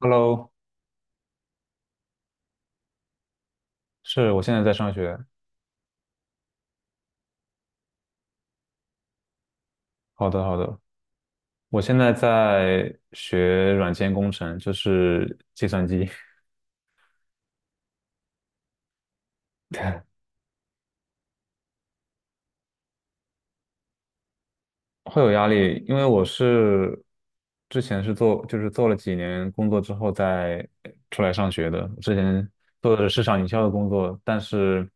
Hello，是我现在在上学。好的，好的，我现在在学软件工程，就是计算机，会有压力，因为我是之前是做，就是做了几年工作之后再出来上学的。之前做的是市场营销的工作，但是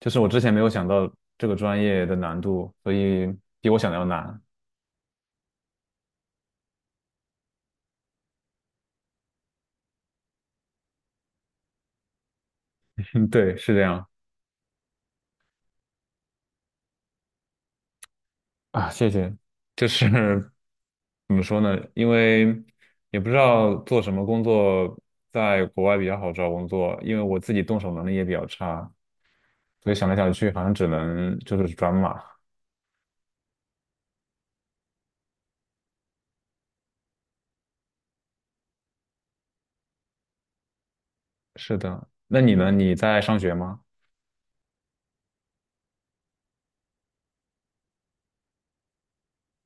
就是我之前没有想到这个专业的难度，所以比我想的要难。对，是这样。啊，谢谢。就是怎么说呢？因为也不知道做什么工作在国外比较好找工作，因为我自己动手能力也比较差，所以想来想去，好像只能就是转码。是的，那你呢？你在上学吗？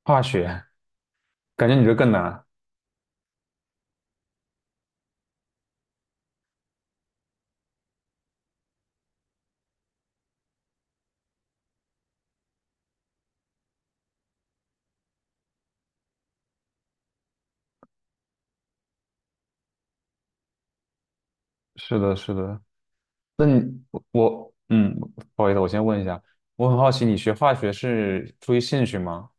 化学，感觉你这更难。是的，是的。那你我不好意思，我先问一下，我很好奇，你学化学是出于兴趣吗？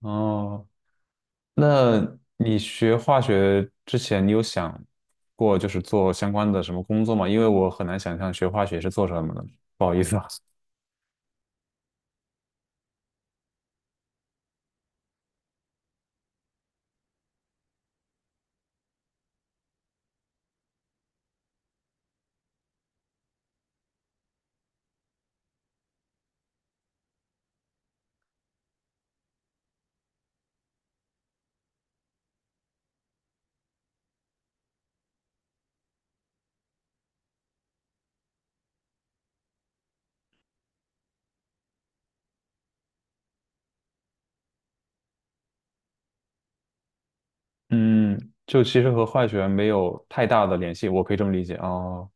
哦，那你学化学之前，你有想过就是做相关的什么工作吗？因为我很难想象学化学是做什么的，不好意思啊。嗯，就其实和化学没有太大的联系，我可以这么理解哦。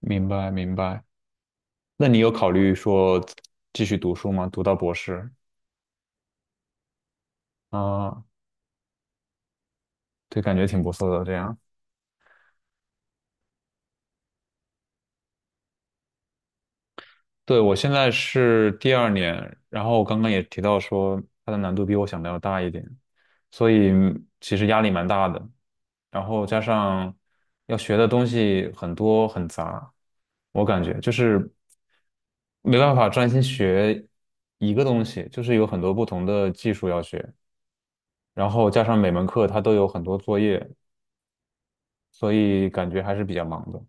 明白，明白。那你有考虑说继续读书吗？读到博士啊，对，感觉挺不错的这样。对，我现在是第2年，然后我刚刚也提到说它的难度比我想的要大一点，所以其实压力蛮大的。然后加上要学的东西很多很杂，我感觉就是没办法专心学一个东西，就是有很多不同的技术要学，然后加上每门课它都有很多作业，所以感觉还是比较忙的，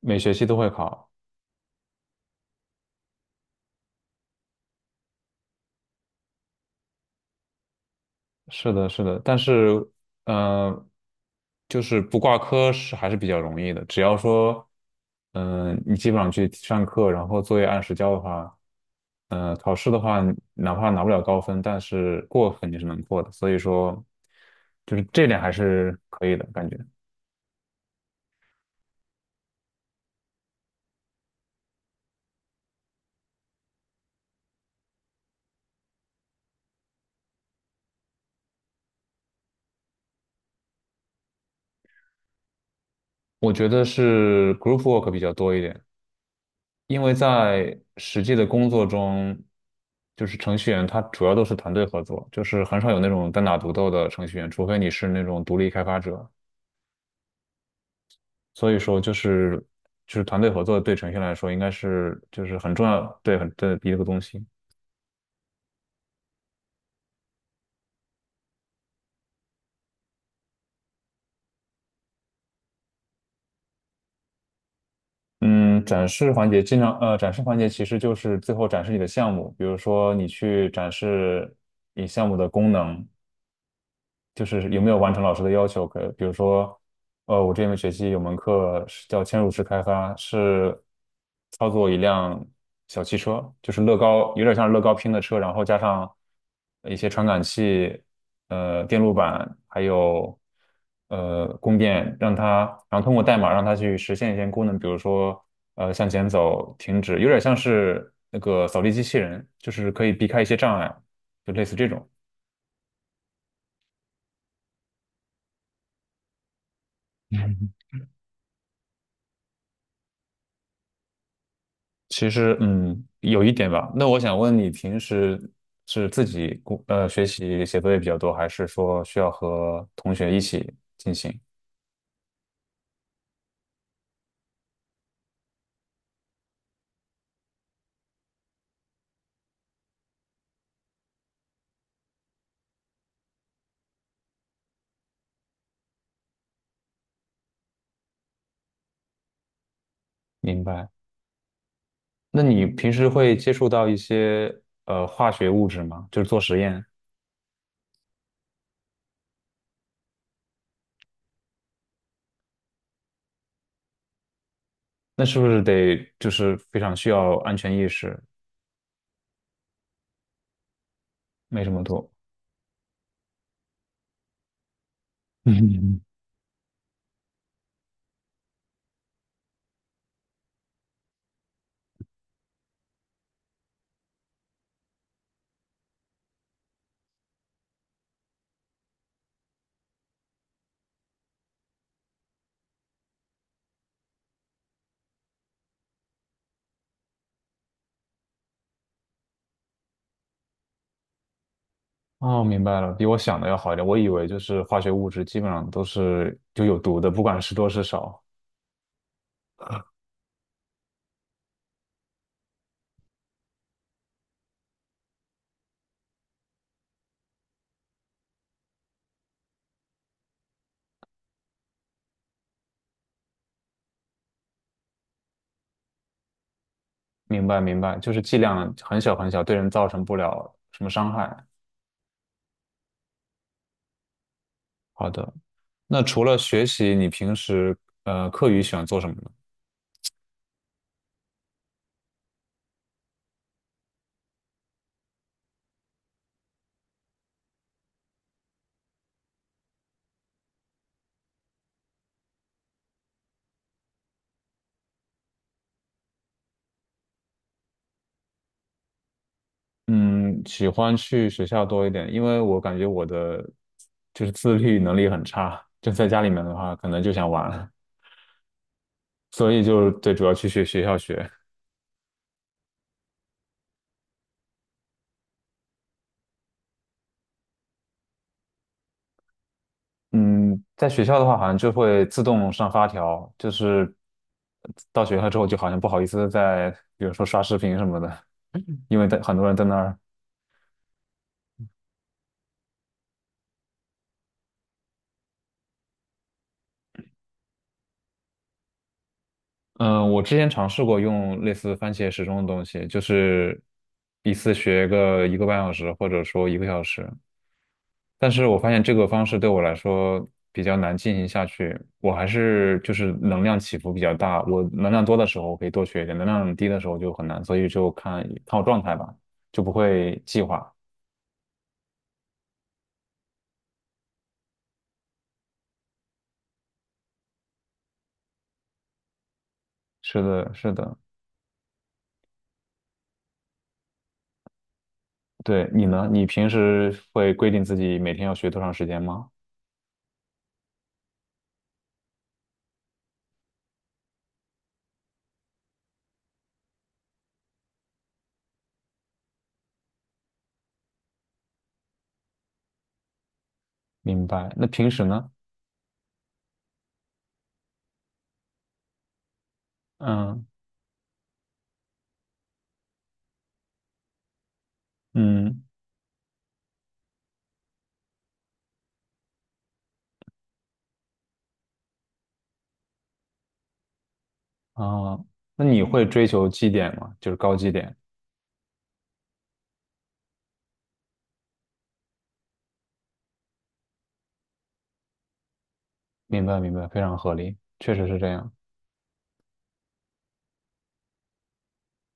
每学期都会考。是的，是的，但是，呃，就是不挂科是还是比较容易的，只要说，你基本上去上课，然后作业按时交的话，考试的话，哪怕拿不了高分，但是过肯定是能过的，所以说，就是这点还是可以的感觉。我觉得是 group work 比较多一点，因为在实际的工作中，就是程序员他主要都是团队合作，就是很少有那种单打独斗的程序员，除非你是那种独立开发者。所以说，就是团队合作对程序员来说应该是就是很重要，对很对的一个东西。嗯，展示环节其实就是最后展示你的项目，比如说你去展示你项目的功能，就是有没有完成老师的要求？可比如说，我这门学期有门课是叫嵌入式开发，是操作一辆小汽车，就是乐高，有点像乐高拼的车，然后加上一些传感器、电路板，还有供电，让它，然后通过代码让它去实现一些功能，比如说向前走、停止，有点像是那个扫地机器人，就是可以避开一些障碍，就类似这种。其实，嗯，有一点吧。那我想问你，平时是自己学习写作业比较多，还是说需要和同学一起进行？明白。那你平时会接触到一些化学物质吗？就是做实验，那是不是得就是非常需要安全意识，没什么多？嗯，哦，明白了，比我想的要好一点。我以为就是化学物质基本上都是就有毒的，不管是多是少。明白明白，就是剂量很小很小，对人造成不了什么伤害。好的，那除了学习，你平时课余喜欢做什么呢？嗯，喜欢去学校多一点，因为我感觉我的就是自律能力很差，就在家里面的话，可能就想玩了。所以就对，主要去学校学。嗯，在学校的话，好像就会自动上发条，就是到学校之后，就好像不好意思再，比如说刷视频什么的，因为在很多人在那儿。嗯，我之前尝试过用类似番茄时钟的东西，就是一次学个1个半小时，或者说1个小时。但是我发现这个方式对我来说比较难进行下去，我还是就是能量起伏比较大。我能量多的时候我可以多学一点，能量低的时候就很难，所以就看看我状态吧，就不会计划。是的，是的，对，你呢？你平时会规定自己每天要学多长时间吗？明白。那平时呢？嗯嗯。啊，那你会追求绩点吗？就是高绩点。明白，明白，非常合理，确实是这样。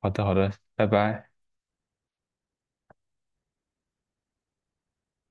好的，好的，拜拜。